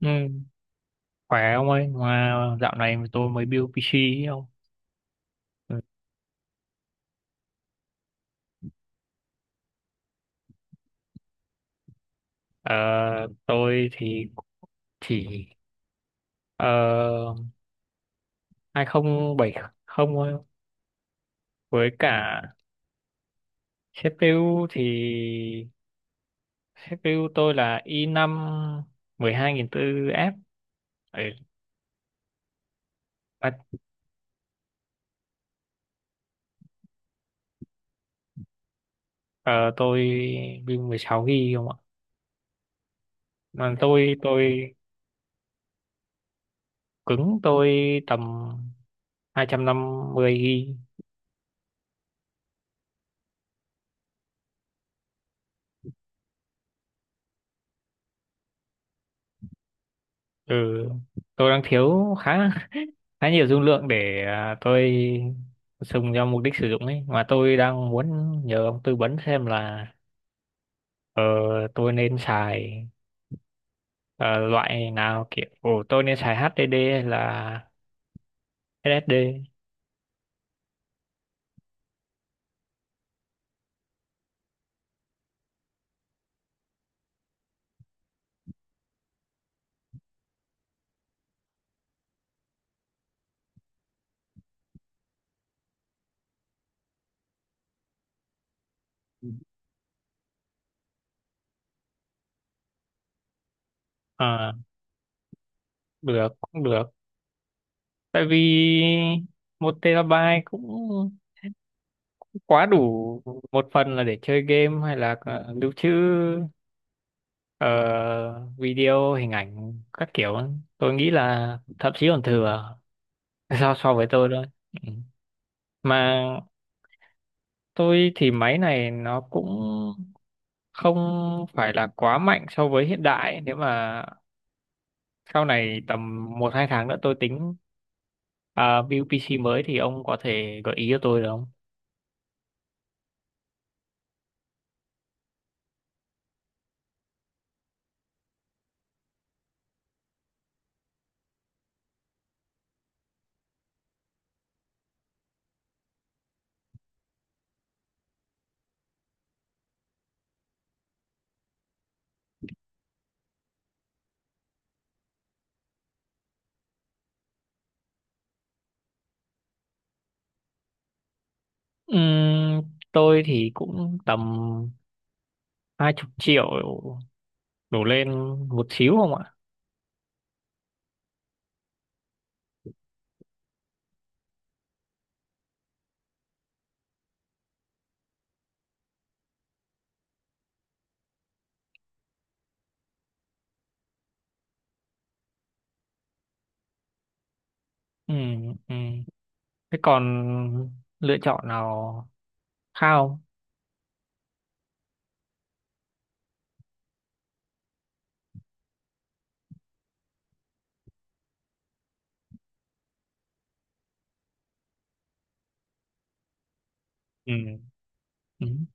Ừ, khỏe ông ơi, mà dạo này tôi mới build PC ý ông. Ừ. Ờ, tôi thì chỉ ờ, 2070 thôi. Với cả CPU thì CPU tôi là i5 124F. Ừ, bắt- ờ, tôi build 16 GB không ạ? Mà tôi cứng tôi tầm 250 GB. Ừ, tôi đang thiếu khá khá nhiều dung lượng để tôi dùng cho mục đích sử dụng ấy, mà tôi đang muốn nhờ ông tư vấn xem là ờ, tôi nên xài ờ, loại nào, kiểu tôi nên xài HDD hay là SSD. Ờ, được cũng được, tại vì một terabyte cũng cũng quá đủ. Một phần là để chơi game hay là lưu trữ ờ, video, hình ảnh các kiểu, tôi nghĩ là thậm chí còn thừa. so so với tôi thôi. Ừ. Mà tôi thì máy này nó cũng không phải là quá mạnh so với hiện đại. Nếu mà sau này tầm một hai tháng nữa tôi tính build PC mới thì ông có thể gợi ý cho tôi được không? Ừm, tôi thì cũng tầm hai chục triệu đổ lên một xíu không ạ? ừ ừm. Thế còn lựa chọn nào khác không? ừ ừm.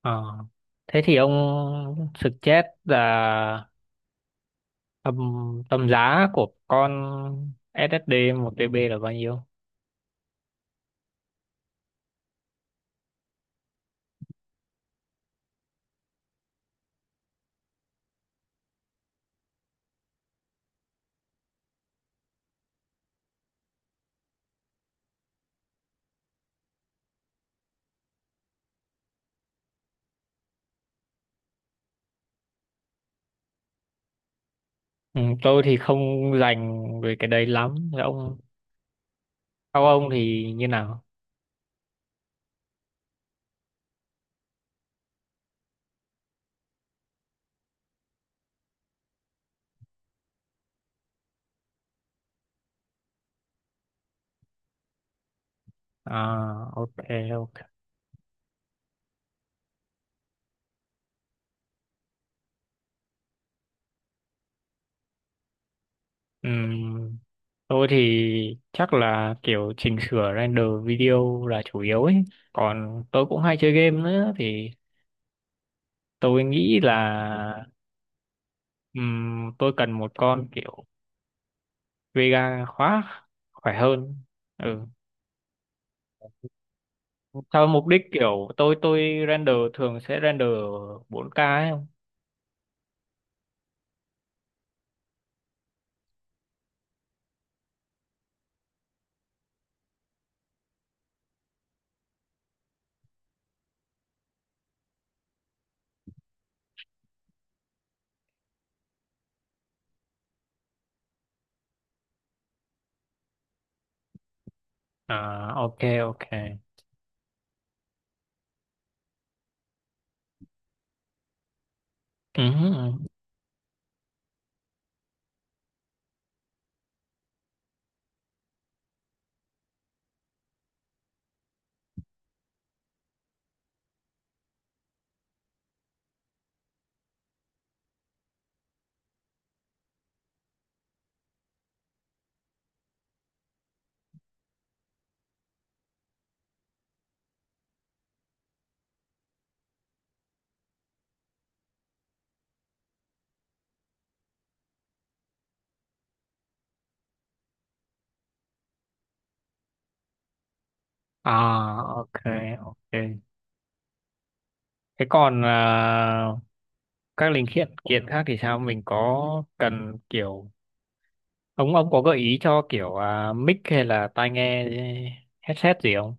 Ờ. Thế thì ông suggest là Tầm, tầm giá của con SSD 1 TB là bao nhiêu? Ừ, tôi thì không rành về cái đấy lắm. Thế ông, các ông thì như nào? À, ok, ok. Ừm, tôi thì chắc là kiểu chỉnh sửa render video là chủ yếu ấy. Còn tôi cũng hay chơi game nữa, thì tôi nghĩ là tôi cần một con kiểu Vega khỏe hơn. Ừ. Sao mục đích kiểu tôi render, thường sẽ render bốn k ấy không? À, ok, ok. Ừ, ừ, ừ. À, ok, ok. Thế còn các linh kiện kiện khác thì sao, mình có cần kiểu ông có gợi ý cho kiểu mic hay là tai nghe headset gì không?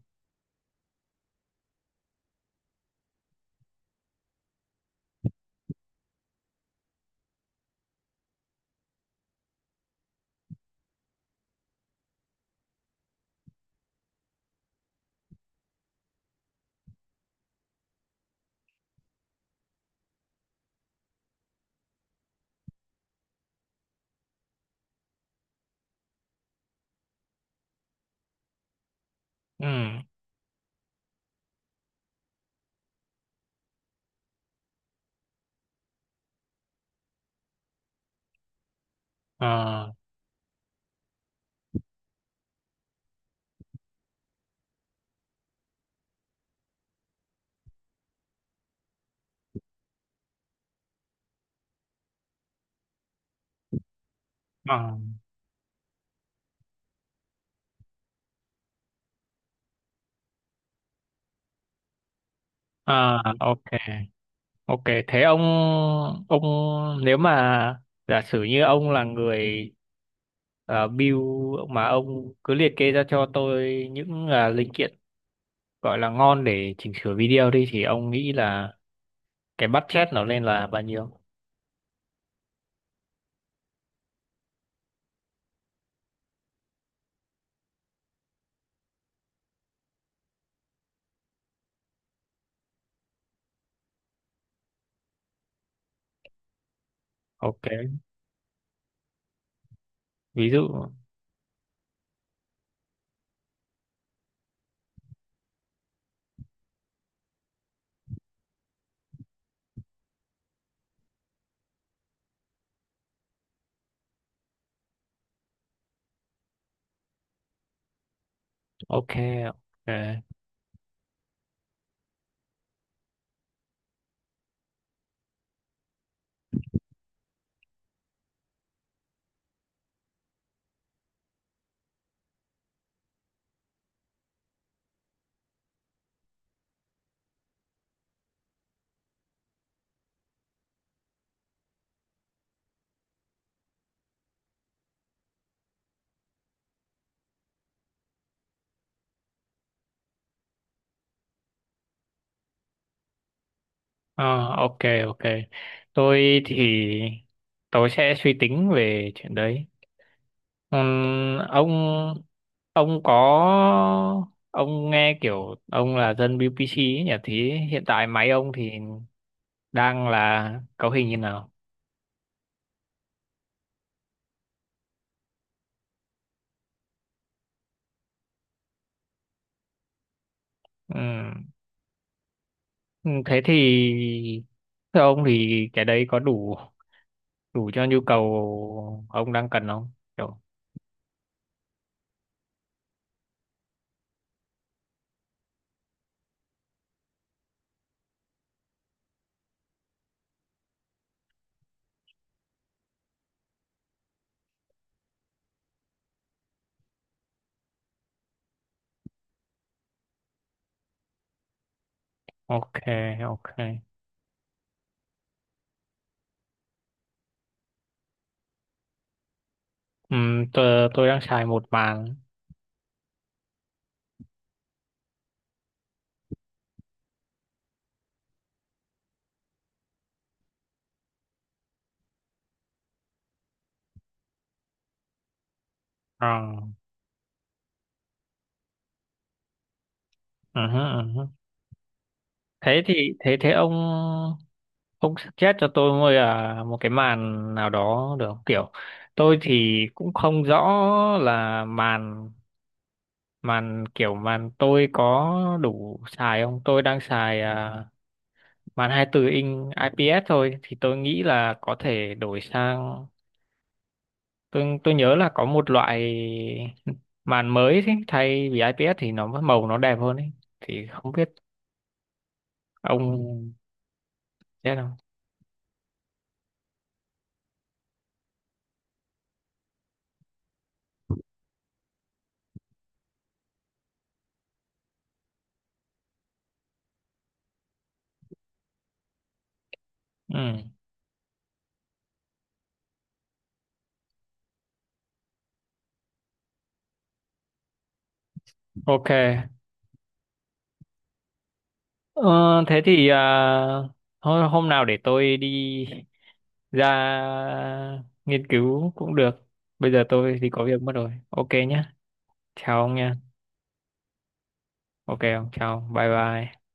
Ừ. À, à, à, ok, ok. Thế ông nếu mà giả sử như ông là người build, mà ông cứ liệt kê ra cho tôi những linh kiện gọi là ngon để chỉnh sửa video đi, thì ông nghĩ là cái budget nó lên là bao nhiêu? Ok, ví dụ, ok, ok. Ờ, ok, ok. Tôi thì tôi sẽ suy tính về chuyện đấy. Ông có ông nghe kiểu ông là dân BPC ấy nhỉ? Thì hiện tại máy ông thì đang là cấu hình như nào? Ừ. Ừ, thế thì theo ông thì cái đấy có đủ đủ cho nhu cầu ông đang cần không? Kiểu, ok, ok. Ừ, tôi đang xài một màn. Ờ, ừ hứ, ừ hứ. Thế thì thế thế ông suggest cho tôi mua là một cái màn nào đó được không? Kiểu tôi thì cũng không rõ là màn màn kiểu màn tôi có đủ xài không? Tôi đang xài màn 24 inch IPS thôi, thì tôi nghĩ là có thể đổi sang. Tôi nhớ là có một loại màn mới, thế thay vì IPS thì nó màu nó đẹp hơn ấy, thì không biết ông biết không. Ừ, ok. ờ, Thế thì hôm nào để tôi đi ra nghiên cứu cũng được. Bây giờ tôi thì có việc mất rồi, ok nhé. Chào ông nha. Ok ông, chào bye bye.